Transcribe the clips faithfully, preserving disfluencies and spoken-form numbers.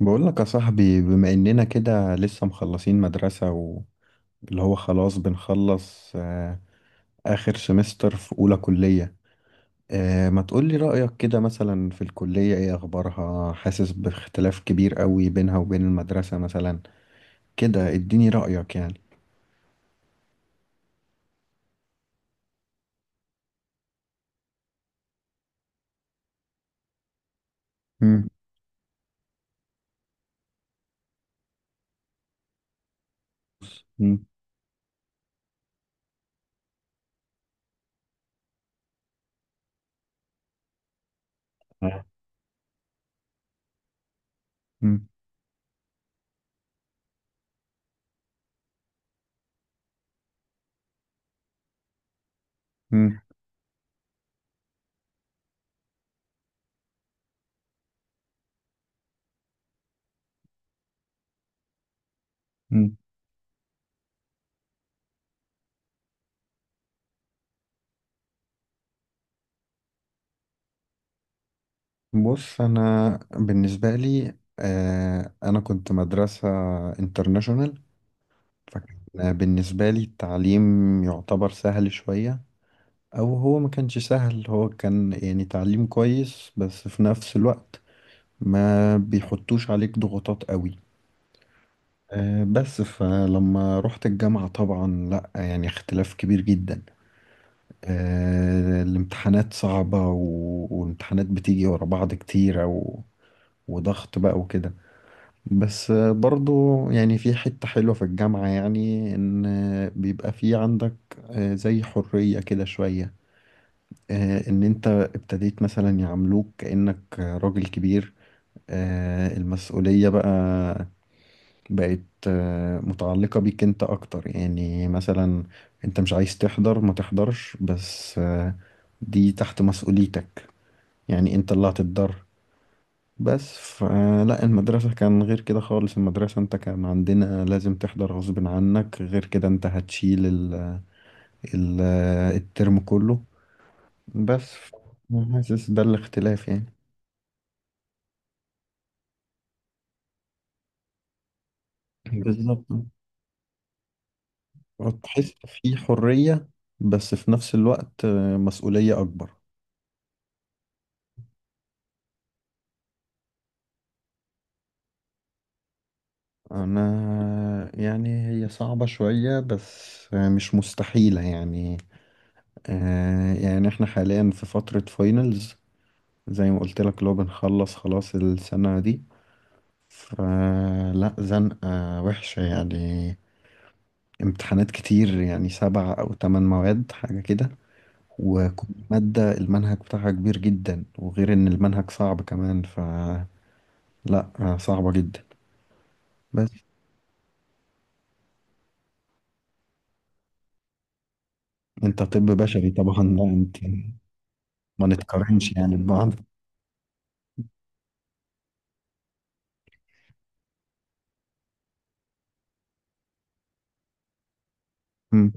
بقول لك يا صاحبي، بما اننا كده لسه مخلصين مدرسة واللي هو خلاص بنخلص، آه، اخر سمستر في اولى كلية. آه، ما تقولي رأيك كده مثلا في الكلية، ايه اخبارها؟ حاسس باختلاف كبير قوي بينها وبين المدرسة مثلا كده، اديني رأيك يعني. مم. مم. مم. مم. مم. بص، انا بالنسبة لي آه، انا كنت مدرسة انترناشونال. فكان بالنسبة لي التعليم يعتبر سهل شوية، أو هو ما كانش سهل، هو كان يعني تعليم كويس بس في نفس الوقت ما بيحطوش عليك ضغوطات قوي. أه بس فلما رحت الجامعة طبعا لأ، يعني اختلاف كبير جدا. أه الامتحانات صعبة و... والامتحانات بتيجي ورا بعض كتير أو... وضغط بقى وكده. بس برضو يعني في حتة حلوة في الجامعة، يعني إن بيبقى في عندك آه، زي حرية كده شوية. آه، إن أنت ابتديت مثلا يعاملوك كأنك راجل كبير. آه، المسؤولية بقى بقت آه، متعلقة بيك أنت أكتر يعني مثلا. أنت مش عايز تحضر ما تحضرش بس، آه، دي تحت مسؤوليتك. يعني أنت اللي هتتضرر. بس ف... لا، المدرسة كان غير كده خالص، المدرسة انت كان عندنا لازم تحضر غصب عنك، غير كده انت هتشيل ال... ال... الترم كله. بس ف- حاسس ده الاختلاف يعني. بالظبط. تحس في حرية بس في نفس الوقت، آه، مسؤولية أكبر. أنا يعني هي صعبة شوية بس آه، مش مستحيلة يعني. آه، يعني احنا حاليا في فترة فاينلز. زي ما قلت لك، لو بنخلص خلاص السنة دي. فلا، زنقة وحشة يعني. امتحانات كتير يعني سبع أو تمن مواد حاجة كده. وكل مادة المنهج بتاعها كبير جدا، وغير إن المنهج صعب كمان فلا. صعبة جدا. بس أنت طب بشري طبعا، لا أنت ما نتقارنش يعني ببعض. مم.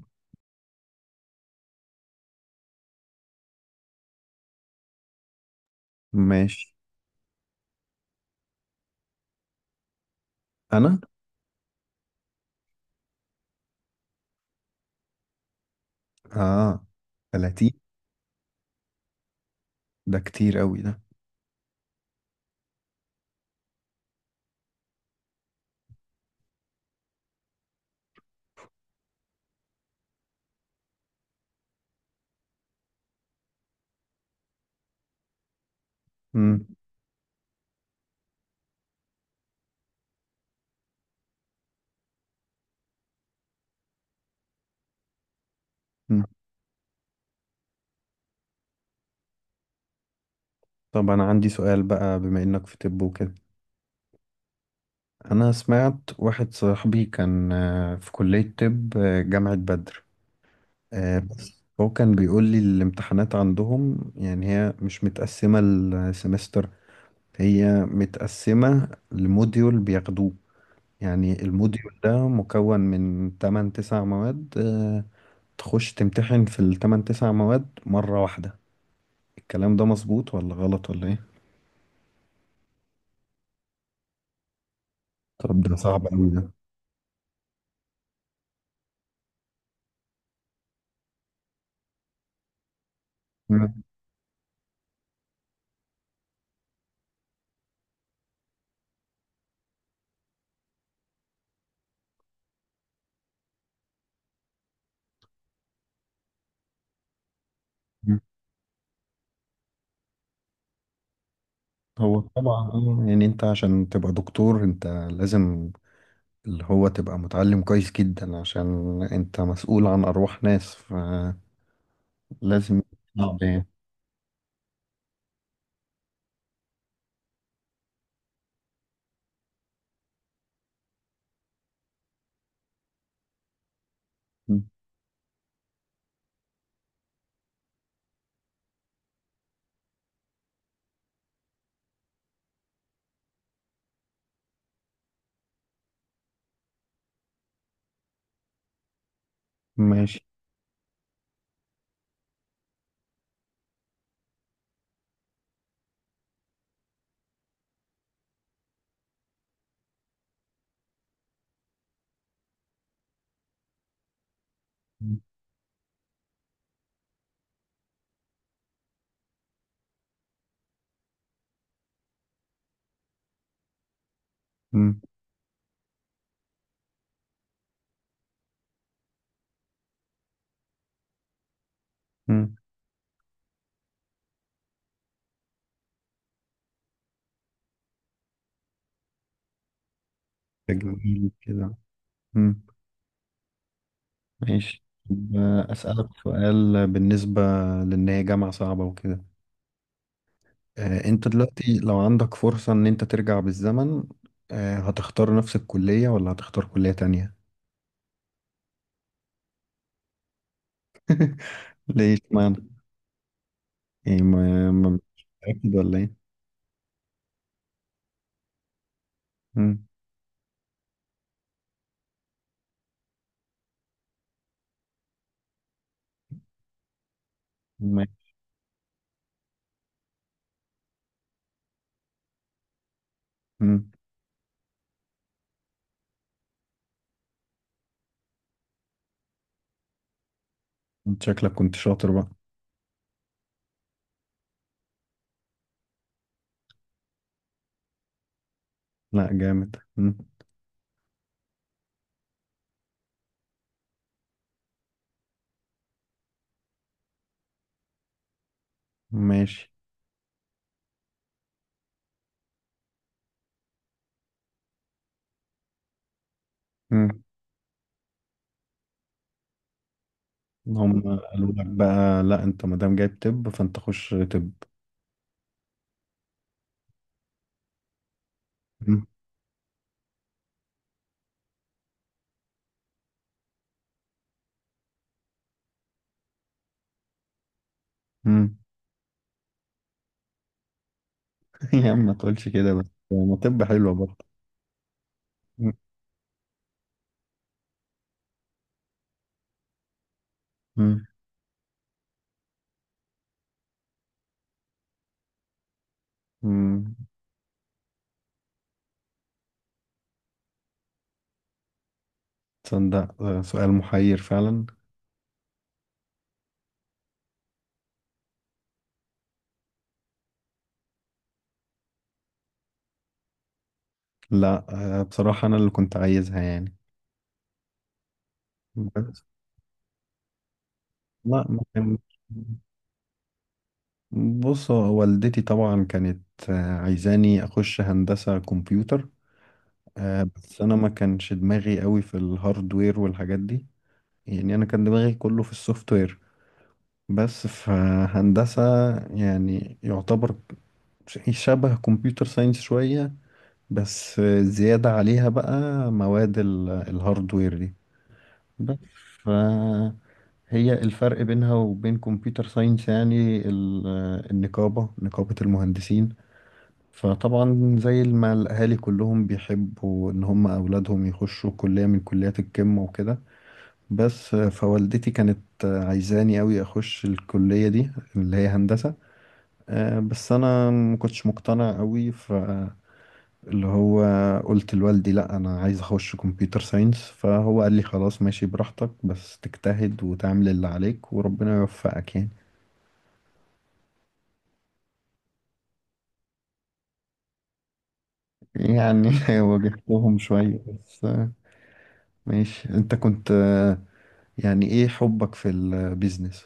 ماشي. أنا، آه، ثلاثين، ده كتير قوي ده. مم. مم. طب، أنا عندي سؤال بقى بما إنك في طب وكده. أنا سمعت واحد صاحبي كان آه، في كلية طب آه، جامعة بدر. آه، بس هو كان بيقول لي الامتحانات عندهم يعني هي مش متقسمة السمستر. هي متقسمة لموديول بياخدوه. يعني الموديول ده مكون من تمن تسع مواد، آه، تخش تمتحن في ال تمانية تسع مواد مرة واحدة. الكلام ده مظبوط ولا غلط ولا ايه؟ طب، ده صعب أوي ده. مم. هو طبعا آه، يعني انت عشان تبقى دكتور انت لازم اللي هو تبقى متعلم كويس جدا، عشان انت مسؤول عن ارواح ناس فلازم. اه اه. ماشي. مم. مم. تجميل كده. مم. ماشي طب، آه، اسالك سؤال بالنسبه لان هي جامعه صعبه وكده. آه، انت دلوقتي لو عندك فرصه ان انت ترجع بالزمن، آه، هتختار نفس الكليه ولا هتختار كليه تانية؟ ليه اشمعنى؟ ايه، ما ما- مش متأكد ولا ايه؟ مم. مم. مم. انت شكلك كنت شاطر بقى. لا، جامد. مم. ماشي. مم. هم قالوا لك بقى لا، انت ما دام جايب طب فانت خش طب. مم. مم. يا عم، ما تقولش كده بس. ما، طب حلوة برضه. مم. مم. مم. تصدق، آه، سؤال محير فعلا. لا، آه، بصراحة انا اللي كنت عايزها يعني. بس. لا، ما كان. بص، هو والدتي طبعا كانت آه، عايزاني اخش هندسة كمبيوتر. آه، بس انا ما كانش دماغي قوي في الهاردوير والحاجات دي. يعني انا كان دماغي كله في السوفت وير. بس في هندسة يعني يعتبر ش- شبه كمبيوتر ساينس شوية. بس زيادة عليها بقى مواد ال- الهاردوير دي. بس ف هي الفرق بينها وبين كمبيوتر ساينس يعني ال- النقابة، نقابة المهندسين. فطبعا زي ما الأهالي كلهم بيحبوا إن هم أولادهم يخشوا كلية من كليات القمة وكده. بس فوالدتي كانت عايزاني أوي أخش الكلية دي اللي هي هندسة. آه، بس أنا ما كنتش مقتنع أوي فاللي هو قلت لوالدي لأ، أنا عايز أخش كمبيوتر ساينس، فهو قال لي خلاص ماشي براحتك بس تجتهد وتعمل اللي عليك وربنا يوفقك يعني. يعني واجهتهم شوية بس. آه، ماشي، أنت كنت، آه، يعني إيه حبك في البيزنس؟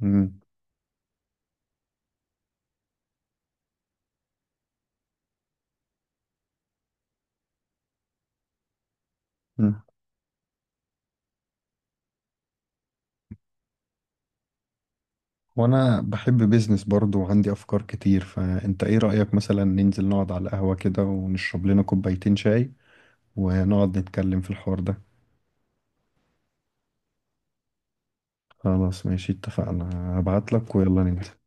مم. وانا بحب بيزنس برضو وعندي افكار كتير، فانت ايه رأيك مثلا ننزل نقعد على القهوة كده ونشرب لنا كوبايتين شاي ونقعد نتكلم في الحوار ده. خلاص ماشي، اتفقنا. هبعت لك ويلا ننزل.